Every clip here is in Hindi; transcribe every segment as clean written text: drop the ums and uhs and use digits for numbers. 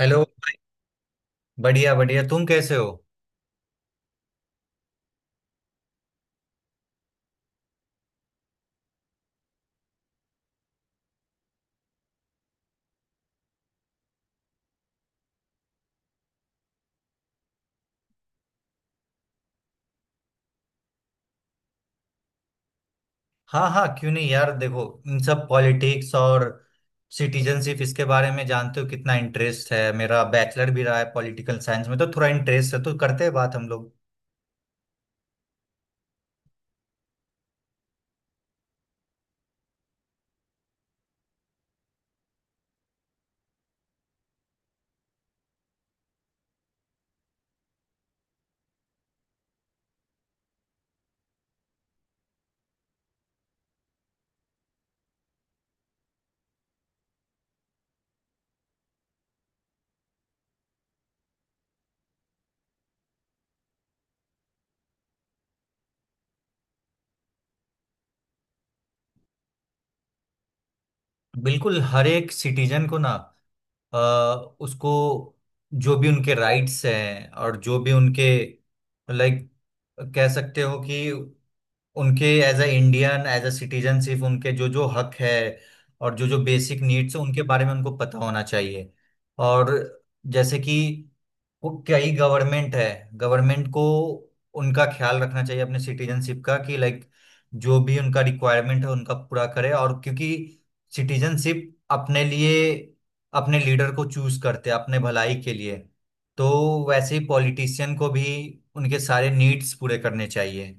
हेलो। बढ़िया बढ़िया, तुम कैसे हो। हाँ हाँ, क्यों नहीं यार, देखो इन सब पॉलिटिक्स और सिटीजनशिप इसके बारे में जानते हो कितना इंटरेस्ट है मेरा, बैचलर भी रहा है पॉलिटिकल साइंस में तो थोड़ा इंटरेस्ट है, तो करते हैं बात हम लोग। बिल्कुल, हर एक सिटीजन को ना, अ, उसको जो भी उनके राइट्स हैं और जो भी उनके लाइक कह सकते हो कि उनके as a Indian, as a citizen, सिर्फ उनके जो जो हक है और जो जो बेसिक नीड्स है उनके बारे में उनको पता होना चाहिए। और जैसे कि वो कई गवर्नमेंट है, गवर्नमेंट को उनका ख्याल रखना चाहिए अपने सिटीजनशिप का कि लाइक जो भी उनका रिक्वायरमेंट है उनका पूरा करे। और क्योंकि सिटीजनशिप अपने लिए अपने लीडर को चूज करते हैं अपने भलाई के लिए, तो वैसे ही पॉलिटिशियन को भी उनके सारे नीड्स पूरे करने चाहिए।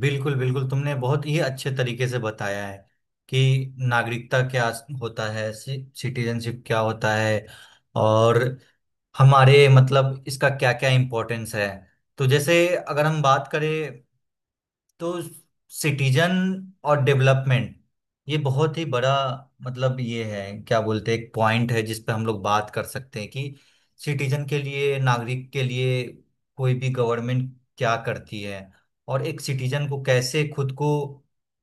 बिल्कुल बिल्कुल, तुमने बहुत ही अच्छे तरीके से बताया है कि नागरिकता क्या होता है, सिटीजनशिप क्या होता है और हमारे मतलब इसका क्या क्या इम्पोर्टेंस है। तो जैसे अगर हम बात करें तो सिटीजन और डेवलपमेंट, ये बहुत ही बड़ा मतलब ये है, क्या बोलते हैं, एक पॉइंट है जिस पे हम लोग बात कर सकते हैं कि सिटीजन के लिए, नागरिक के लिए कोई भी गवर्नमेंट क्या करती है, और एक सिटीजन को कैसे खुद को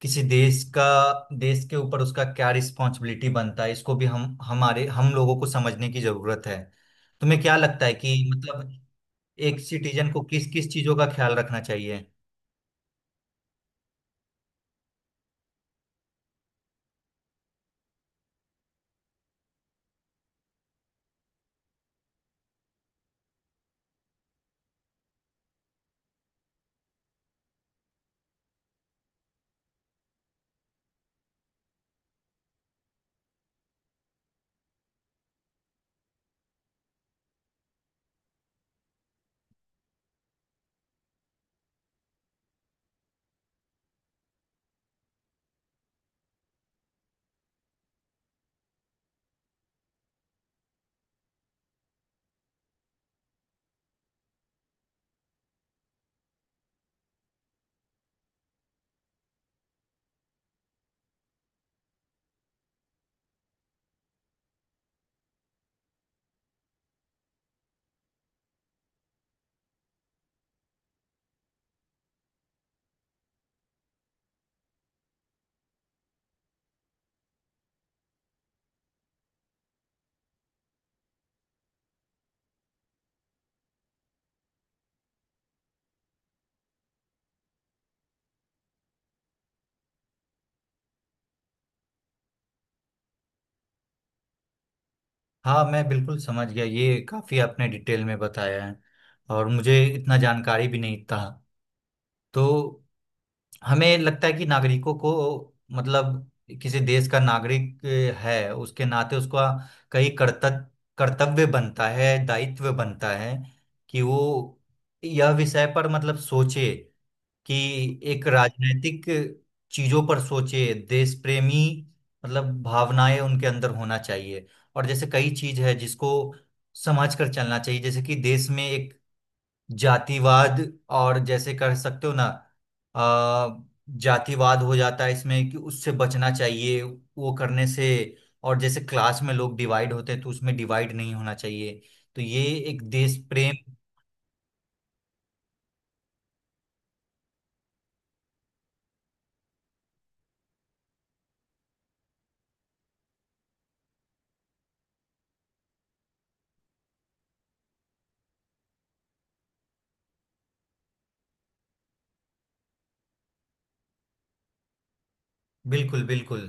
किसी देश का, देश के ऊपर उसका क्या रिस्पॉन्सिबिलिटी बनता है, इसको भी हम हमारे हम लोगों को समझने की जरूरत है। तुम्हें क्या लगता है कि मतलब एक सिटीजन को किस किस चीजों का ख्याल रखना चाहिए। हाँ मैं बिल्कुल समझ गया, ये काफी आपने डिटेल में बताया है और मुझे इतना जानकारी भी नहीं था। तो हमें लगता है कि नागरिकों को, मतलब किसी देश का नागरिक है उसके नाते उसका कई कर्तव्य, कर्तव्य बनता है, दायित्व बनता है कि वो यह विषय पर मतलब सोचे कि एक राजनीतिक चीजों पर सोचे, देश प्रेमी मतलब भावनाएं उनके अंदर होना चाहिए। और जैसे कई चीज है जिसको समझ कर चलना चाहिए, जैसे कि देश में एक जातिवाद, और जैसे कह सकते हो ना, अ, जातिवाद हो जाता है इसमें कि उससे बचना चाहिए, वो करने से। और जैसे क्लास में लोग डिवाइड होते हैं तो उसमें डिवाइड नहीं होना चाहिए। तो ये एक देश प्रेम। बिल्कुल बिल्कुल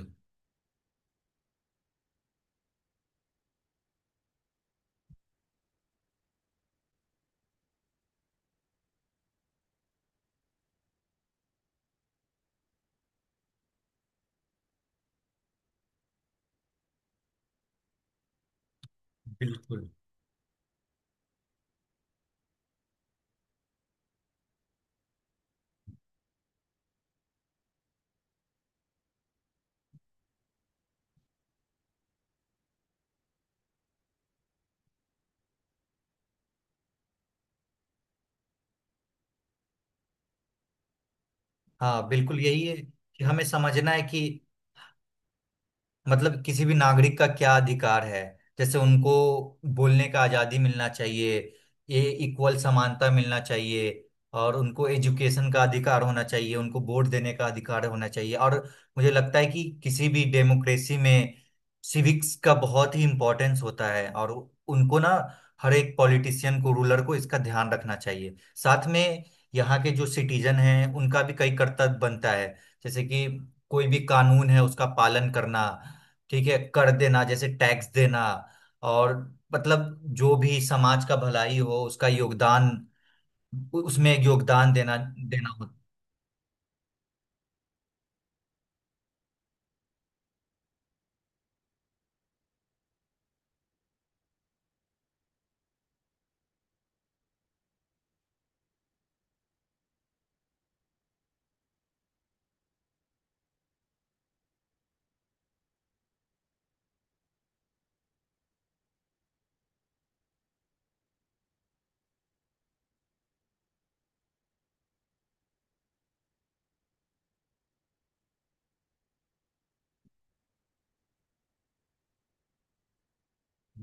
बिल्कुल। हाँ बिल्कुल, यही है कि हमें समझना है कि मतलब किसी भी नागरिक का क्या अधिकार है। जैसे उनको बोलने का आजादी मिलना चाहिए, ये इक्वल समानता मिलना चाहिए, और उनको एजुकेशन का अधिकार होना चाहिए, उनको वोट देने का अधिकार होना चाहिए। और मुझे लगता है कि किसी भी डेमोक्रेसी में सिविक्स का बहुत ही इम्पोर्टेंस होता है, और उनको ना हर एक पॉलिटिशियन को, रूलर को इसका ध्यान रखना चाहिए। साथ में यहाँ के जो सिटीजन हैं उनका भी कई कर्तव्य बनता है, जैसे कि कोई भी कानून है उसका पालन करना, ठीक है कर देना, जैसे टैक्स देना। और मतलब जो भी समाज का भलाई हो उसका योगदान, उसमें एक योगदान देना, देना हो।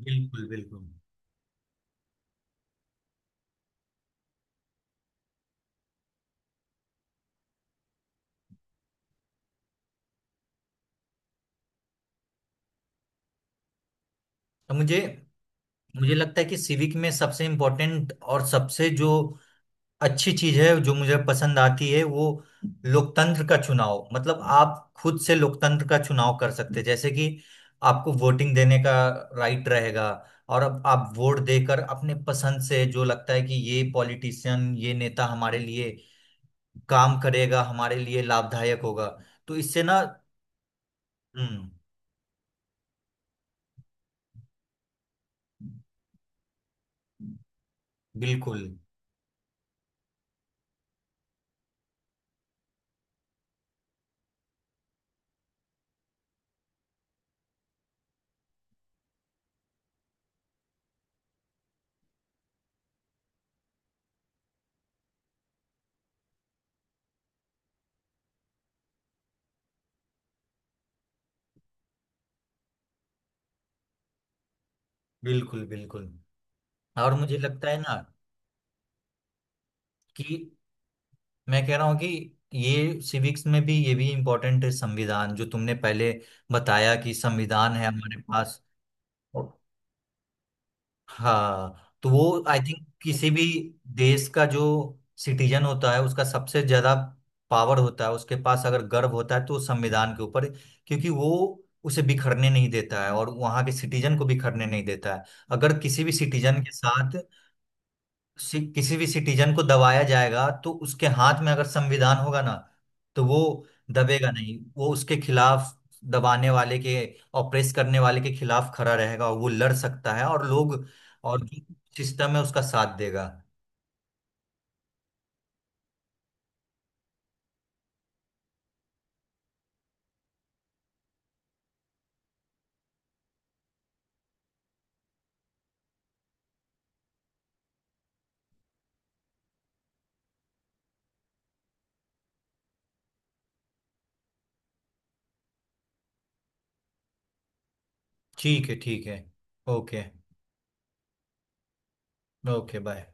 बिल्कुल बिल्कुल। तो मुझे मुझे लगता है कि सिविक में सबसे इम्पोर्टेंट और सबसे जो अच्छी चीज है जो मुझे पसंद आती है वो लोकतंत्र का चुनाव, मतलब आप खुद से लोकतंत्र का चुनाव कर सकते हैं। जैसे कि आपको वोटिंग देने का राइट रहेगा, और अब आप वोट देकर अपने पसंद से जो लगता है कि ये पॉलिटिशियन, ये नेता हमारे लिए काम करेगा, हमारे लिए लाभदायक होगा, तो इससे ना। हम्म। बिल्कुल बिल्कुल बिल्कुल। और मुझे लगता है ना कि मैं कह रहा हूँ कि ये सिविक्स में भी ये भी इम्पोर्टेंट है, संविधान जो तुमने पहले बताया कि संविधान है हमारे पास। हाँ तो वो आई थिंक किसी भी देश का जो सिटीजन होता है उसका सबसे ज्यादा पावर होता है उसके पास, अगर गर्व होता है तो उस संविधान के ऊपर। क्योंकि वो उसे बिखरने नहीं देता है और वहां के सिटीजन को बिखरने नहीं देता है। अगर किसी भी सिटीजन के साथ, किसी भी सिटीजन को दबाया जाएगा, तो उसके हाथ में अगर संविधान होगा ना, तो वो दबेगा नहीं, वो उसके खिलाफ, दबाने वाले के, ऑप्रेस करने वाले के खिलाफ खड़ा रहेगा, और वो लड़ सकता है। और लोग और सिस्टम है उसका साथ देगा। ठीक है ठीक है। ओके। Okay, bye.